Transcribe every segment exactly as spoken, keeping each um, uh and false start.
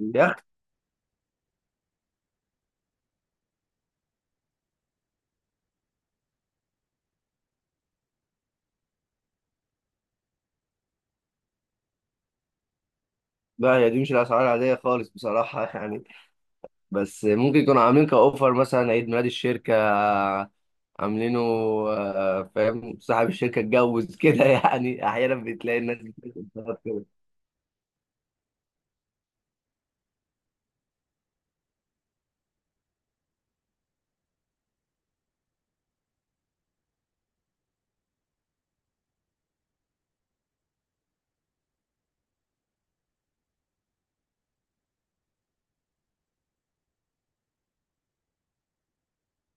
يخت. بقى هي دي مش الاسعار العاديه خالص بصراحه، يعني بس ممكن يكونوا عاملين كاوفر مثلا عيد ميلاد الشركه عاملينه. آه، فاهم صاحب الشركه اتجوز كده يعني احيانا بتلاقي الناس بتعمل كده.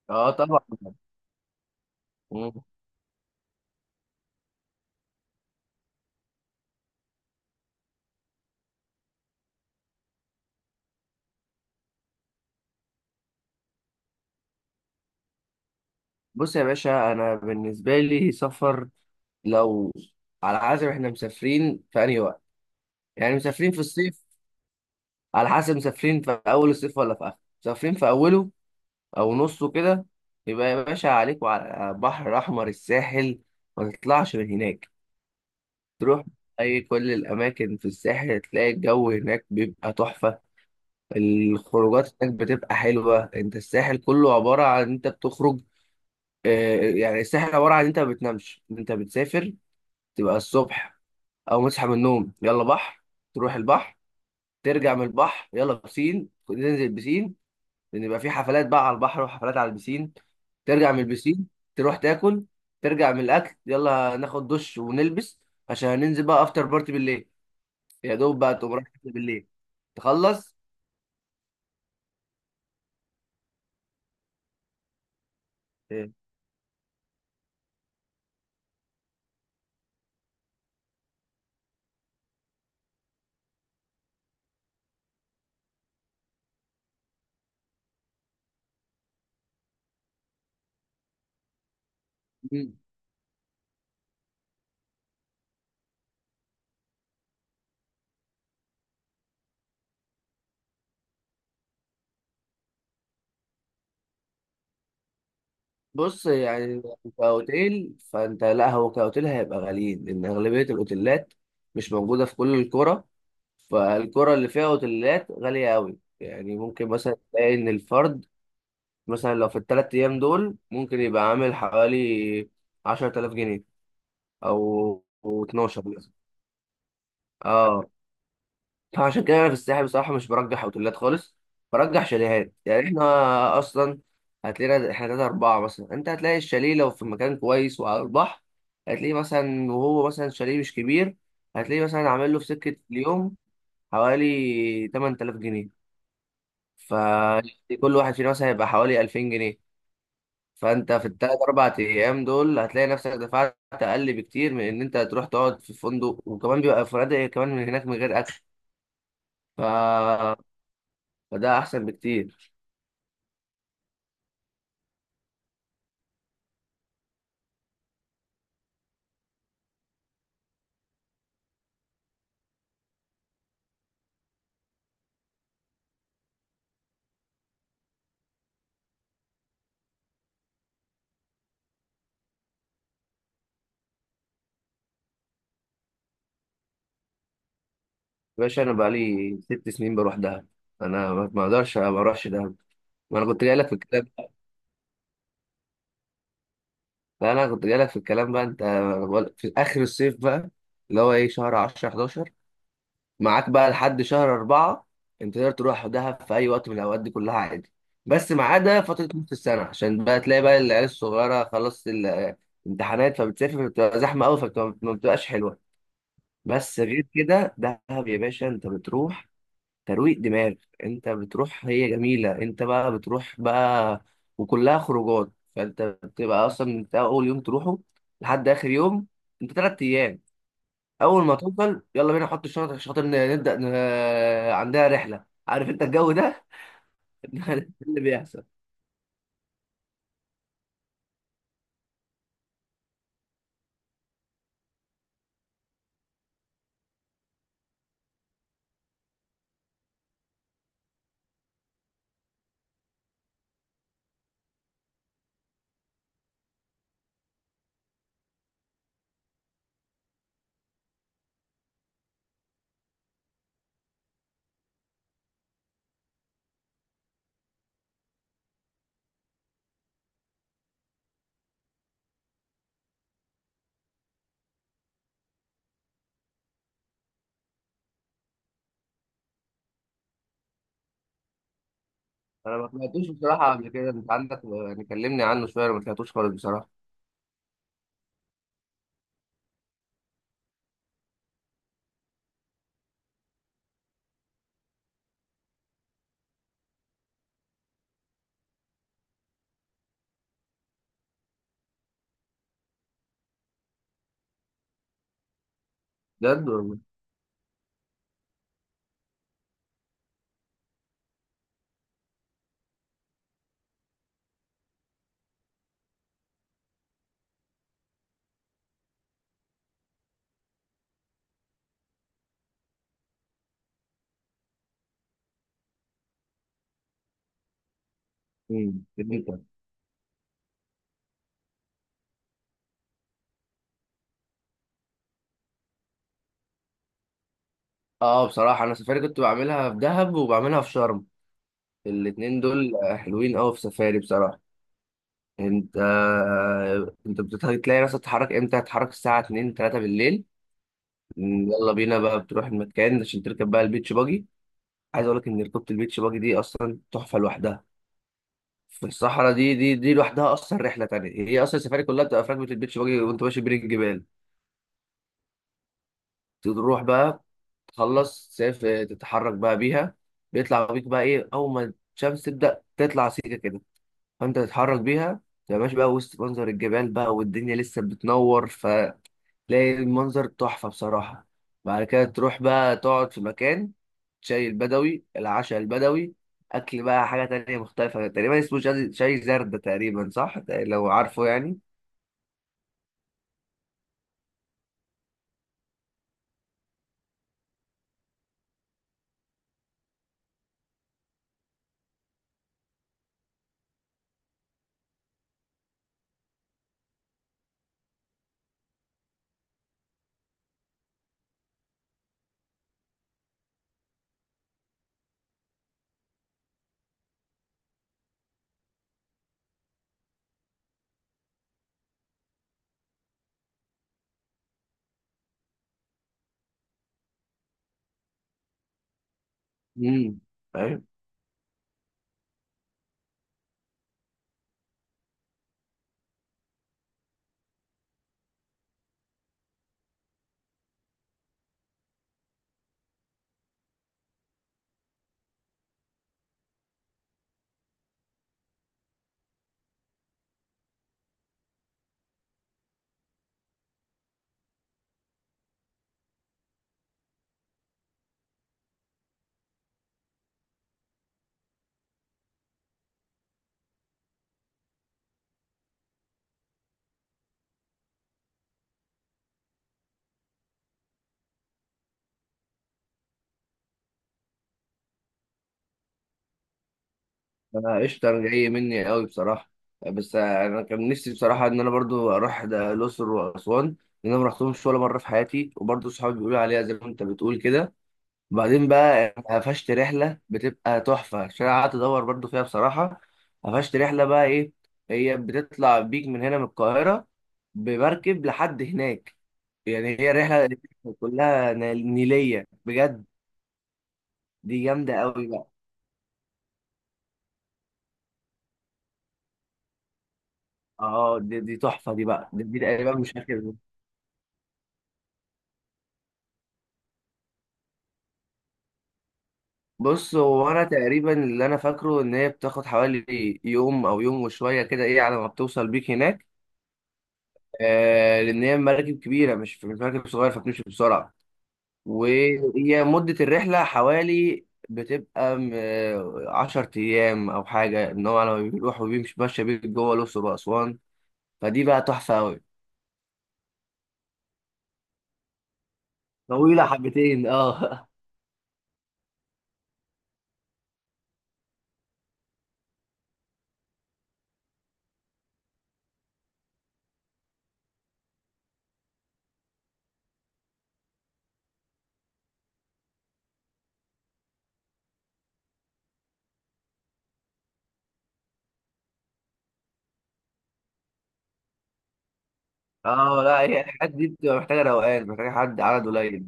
اه طبعا. مم. بص يا باشا، انا بالنسبه لي سفر، لو على حسب احنا مسافرين في انهي وقت، يعني مسافرين في الصيف، على حسب مسافرين في اول الصيف ولا في اخره، مسافرين في اوله او نصه كده. يبقى يا باشا عليك وعلى بحر احمر الساحل، ما تطلعش من هناك. تروح اي كل الاماكن في الساحل تلاقي الجو هناك بيبقى تحفة. الخروجات هناك بتبقى حلوة، انت الساحل كله عبارة عن انت بتخرج. آه، يعني الساحل عبارة عن انت ما بتنامش، انت بتسافر. تبقى الصبح او مصحى من النوم يلا بحر، تروح البحر، ترجع من البحر يلا بسين، تنزل بسين، لان يبقى في حفلات بقى على البحر وحفلات على البسين. ترجع من البسين، تروح تاكل، ترجع من الاكل يلا ناخد دش ونلبس عشان هننزل بقى افتر بارتي بالليل، يا دوب بقى تقوم رايح تاكل بالليل تخلص. إيه. مم. بص يعني كاوتيل، فانت لا هو كاوتيل هيبقى غاليين لان اغلبيه الاوتيلات مش موجوده في كل القرى. فالقرى اللي فيها اوتيلات غاليه قوي، يعني ممكن مثلا تلاقي ان الفرد مثلا لو في الثلاث ايام دول ممكن يبقى عامل حوالي عشرة آلاف جنيه او اتناشر. اه فعشان كده انا في الساحل بصراحه مش برجح اوتيلات خالص، برجح شاليهات. يعني احنا اصلا هتلاقينا احنا تلاته اربعه مثلا، انت هتلاقي الشاليه لو في مكان كويس وعلى البحر هتلاقيه مثلا، وهو مثلا شاليه مش كبير هتلاقيه مثلا عامل له في سكه اليوم حوالي تمن تلاف جنيه. فكل واحد فينا مثلا هيبقى حوالي ألفين جنيه. فانت في الثلاث اربع ايام دول هتلاقي نفسك دفعت اقل بكتير من ان انت تروح تقعد في فندق، وكمان بيبقى فنادق كمان من هناك من غير اكل. ف فده احسن بكتير. يا باشا انا بقالي ست سنين بروح دهب، انا ما ما اقدرش ما اروحش دهب، ما انا كنت جايلك في الكلام. لا انا كنت جايلك في الكلام بقى. انت أنا بقول- في اخر الصيف بقى، اللي هو ايه شهر عشرة حداشر، معاك بقى لحد شهر أربعة. انت تقدر تروح دهب في اي وقت من الاوقات دي كلها عادي، بس ما عدا فتره نص السنه عشان بقى تلاقي بقى العيال الصغيره خلاص ال- الامتحانات، فبتسافر بتبقى زحمه قوي فما بتبقاش حلوه. بس غير كده دهب يا باشا، انت بتروح ترويق دماغ، انت بتروح، هي جميلة، انت بقى بتروح بقى وكلها خروجات. فانت بتبقى اصلا من اول يوم تروحه لحد اخر يوم. انت تلات ايام اول ما توصل يلا بينا نحط الشنط عشان خاطر ن- نبدأ ن- عندها رحلة، عارف انت الجو ده. ده اللي بيحصل. انا ما سمعتوش بصراحة قبل كده، انت عندك يعني كلمني عنه شوية، انا ما سمعتوش خالص بصراحة. بجد والله. امم جميل. اه بصراحة انا سفاري كنت بعملها في دهب وبعملها في شرم، الاتنين دول حلوين قوي في سفاري بصراحة. انت انت بتلاقي نفسك تتحرك امتى، هتتحرك الساعه اتنين تلاتة بالليل، يلا بينا بقى، بتروح المكان عشان تركب بقى البيتش باجي. عايز اقول لك ان ركوبة البيتش باجي دي اصلا تحفه لوحدها، في الصحراء دي دي دي لوحدها اصلا رحله تانية. هي اصلا السفاري كلها بتبقى في ركبه البيتش باجي وانت ماشي بين الجبال. تروح بقى تخلص، تسافر تتحرك بقى بيها، بيطلع بيك بقى ايه اول ما الشمس تبدا تطلع سيكه كده، فانت تتحرك بيها تبقى ماشي بقى وسط منظر الجبال بقى والدنيا لسه بتنور. ف تلاقي المنظر تحفة بصراحة. بعد كده تروح بقى تقعد في مكان، شاي البدوي العشاء البدوي، أكل بقى حاجة تانية مختلفة تقريبا اسمه شاي، شاي زردة تقريبا، صح لو عارفه يعني. امم. فاهم. أنا قشطة، جاي مني قوي بصراحة. بس أنا كان نفسي بصراحة إن أنا برضو أروح ده الأقصر وأسوان، لأن أنا مرحتهمش ولا مرة في حياتي، وبرضو صحابي بيقولوا عليها زي ما أنت بتقول كده. وبعدين بقى قفشت رحلة بتبقى تحفة عشان أنا قعدت أدور برضو فيها بصراحة. قفشت رحلة بقى إيه، هي بتطلع بيك من هنا من القاهرة بمركب لحد هناك، يعني هي رحلة كلها نيل- نيلية بجد. دي جامدة أوي بقى. اه دي, دي تحفة دي بقى، دي, دي تقريبا مش فاكر. بص هو أنا تقريبا اللي أنا فاكره إن هي بتاخد حوالي يوم أو يوم وشوية كده إيه على ما بتوصل بيك هناك. آه لأن هي مراكب كبيرة مش مش مراكب صغيرة، فبتمشي بسرعة. وهي مدة الرحلة حوالي بتبقى م- عشر أيام أو حاجة، إن هو لما بيروح وبيمشي ماشي بيك جوه الأقصر وأسوان، فدي بقى تحفة أوي. طويلة حبتين أه أه لا هي الحاجات دي بتبقى محتاجة روقان، محتاجة حد عدد قليل.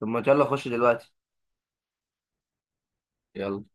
طب ما يلا خش دلوقتي، يلا